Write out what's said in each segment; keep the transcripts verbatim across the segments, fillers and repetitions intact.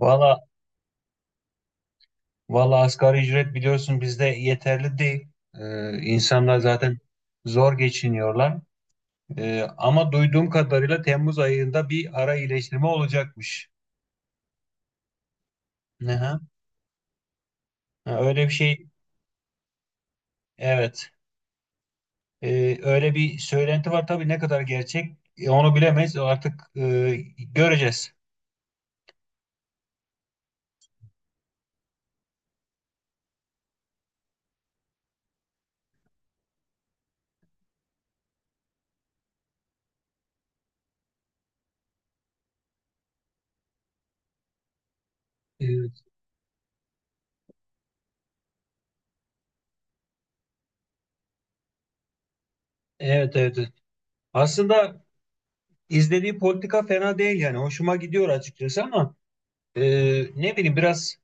Valla valla asgari ücret biliyorsun bizde yeterli değil. Ee, insanlar zaten zor geçiniyorlar. Ee, ama duyduğum kadarıyla Temmuz ayında bir ara iyileştirme olacakmış. Aha. Ha, öyle bir şey evet. Ee, öyle bir söylenti var tabii ne kadar gerçek e, onu bilemeyiz artık, e, göreceğiz. Evet, evet, evet, evet. Aslında izlediği politika fena değil, yani hoşuma gidiyor açıkçası ama e, ne bileyim, biraz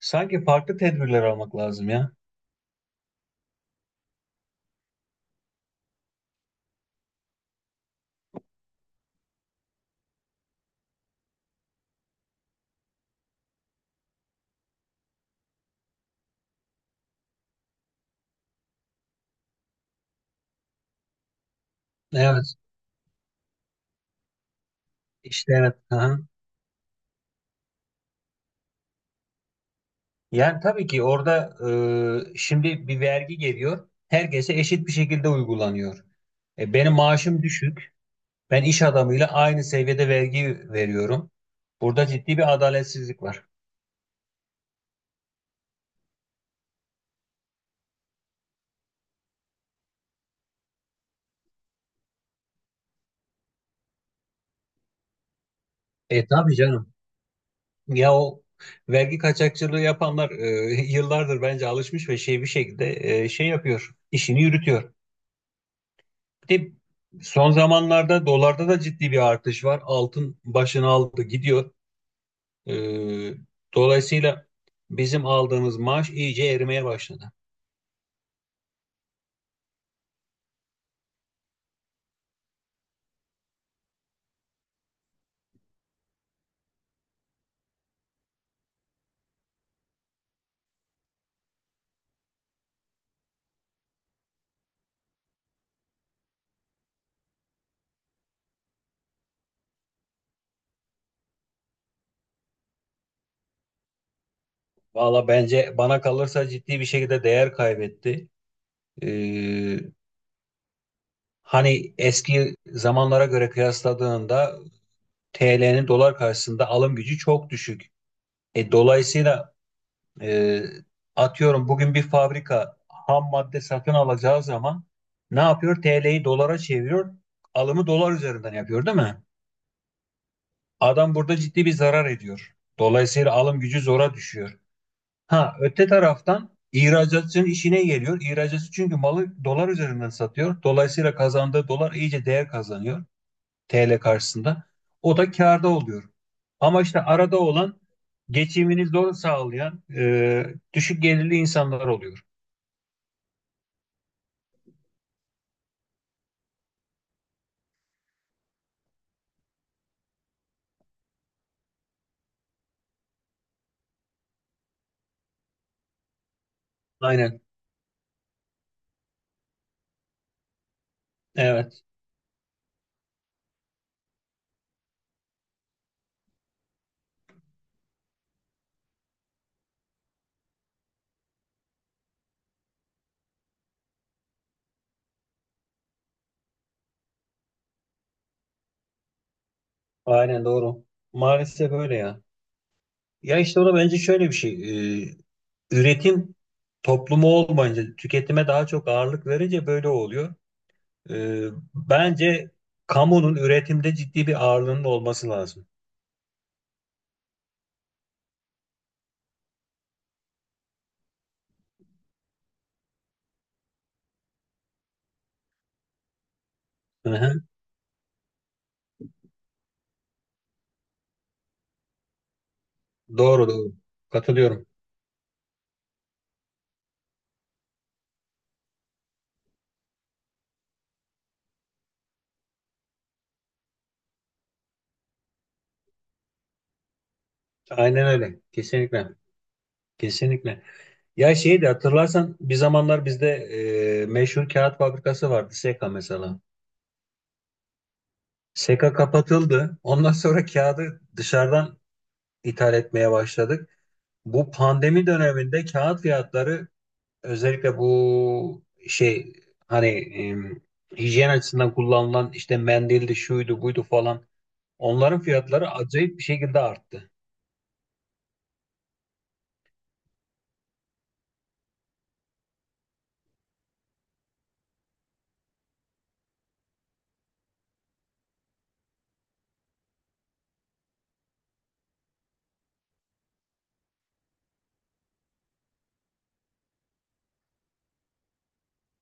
sanki farklı tedbirler almak lazım ya. Evet, işte evet. Aha. Yani tabii ki orada, e, şimdi bir vergi geliyor. Herkese eşit bir şekilde uygulanıyor. E, benim maaşım düşük. Ben iş adamıyla aynı seviyede vergi veriyorum. Burada ciddi bir adaletsizlik var. E tabii canım. Ya o vergi kaçakçılığı yapanlar e, yıllardır bence alışmış ve şey bir şekilde e, şey yapıyor, işini yürütüyor. Bir de son zamanlarda dolarda da ciddi bir artış var. Altın başını aldı gidiyor. Ee, Dolayısıyla bizim aldığımız maaş iyice erimeye başladı. Valla bence bana kalırsa ciddi bir şekilde değer kaybetti. Ee, Hani eski zamanlara göre kıyasladığında T L'nin dolar karşısında alım gücü çok düşük. E, dolayısıyla e, atıyorum bugün bir fabrika ham madde satın alacağı zaman ne yapıyor? T L'yi dolara çeviriyor, alımı dolar üzerinden yapıyor, değil mi? Adam burada ciddi bir zarar ediyor. Dolayısıyla alım gücü zora düşüyor. Ha, öte taraftan ihracatçının işine geliyor. İhracatçı çünkü malı dolar üzerinden satıyor. Dolayısıyla kazandığı dolar iyice değer kazanıyor T L karşısında. O da kârda oluyor. Ama işte arada olan geçimini zor sağlayan e, düşük gelirli insanlar oluyor. Aynen. Evet. Aynen doğru. Maalesef öyle ya. Ya işte o da bence şöyle bir şey. e, Üretim toplumu olmayınca, tüketime daha çok ağırlık verince böyle oluyor. E, bence kamunun üretimde ciddi bir ağırlığının olması lazım. Hı hı. Doğru doğru. Katılıyorum. Aynen öyle. Kesinlikle. Kesinlikle. Ya şeyi de hatırlarsan bir zamanlar bizde e, meşhur kağıt fabrikası vardı. SEKA mesela. SEKA kapatıldı. Ondan sonra kağıdı dışarıdan ithal etmeye başladık. Bu pandemi döneminde kağıt fiyatları özellikle bu şey hani em, hijyen açısından kullanılan işte mendildi, şuydu buydu falan, onların fiyatları acayip bir şekilde arttı.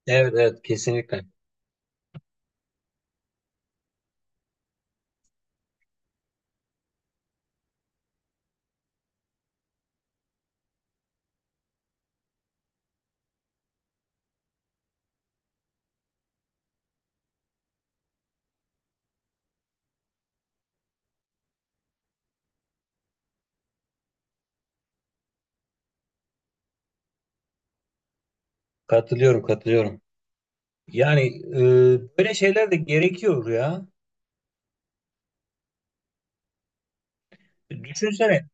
Evet, evet, kesinlikle. Katılıyorum, katılıyorum. Yani e, böyle şeyler de gerekiyor ya. Düşünsene,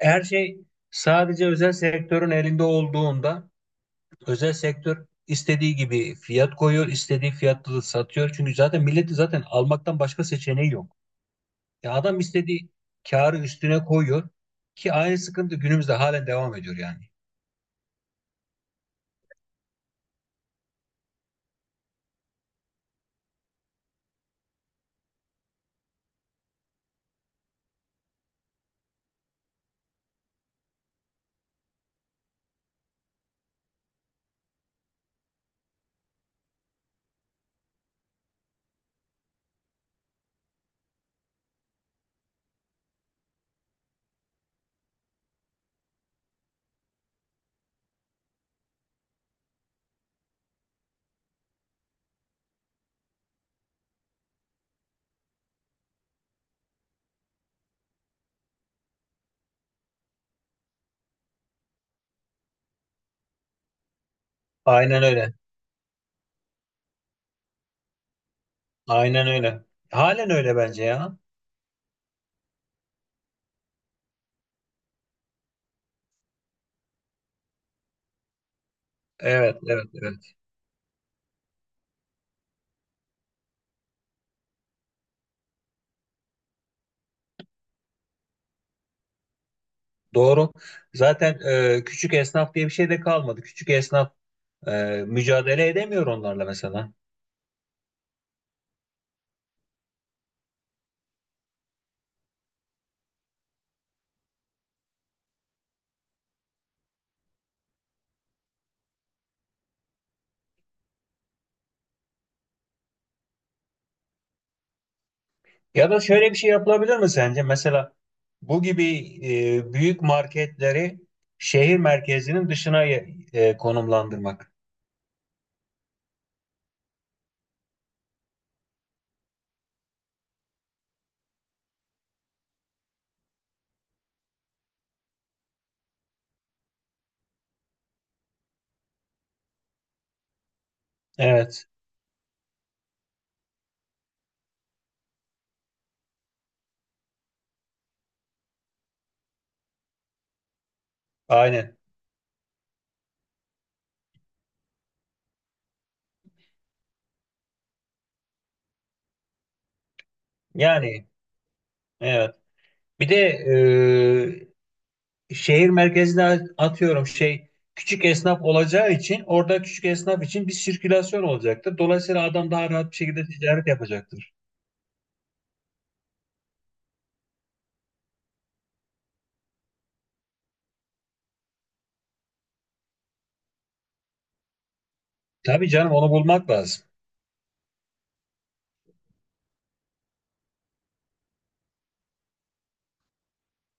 her şey sadece özel sektörün elinde olduğunda özel sektör istediği gibi fiyat koyuyor, istediği fiyatlı satıyor. Çünkü zaten milleti zaten almaktan başka seçeneği yok. Ya adam istediği karı üstüne koyuyor ki aynı sıkıntı günümüzde halen devam ediyor yani. Aynen öyle. Aynen öyle. Halen öyle bence ya. Evet, evet, evet. Doğru. Zaten e, küçük esnaf diye bir şey de kalmadı. Küçük esnaf e, mücadele edemiyor onlarla mesela. Ya da şöyle bir şey yapılabilir mi sence? Mesela bu gibi e, büyük marketleri şehir merkezinin dışına e, konumlandırmak. Evet, aynen. Yani evet. Bir de e, şehir merkezine atıyorum şey küçük esnaf olacağı için orada küçük esnaf için bir sirkülasyon olacaktır. Dolayısıyla adam daha rahat bir şekilde ticaret yapacaktır. Tabii canım onu bulmak lazım.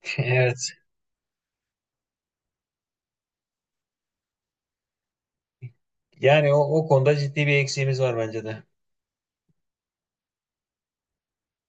Evet. Yani o, o konuda ciddi bir eksiğimiz var bence de.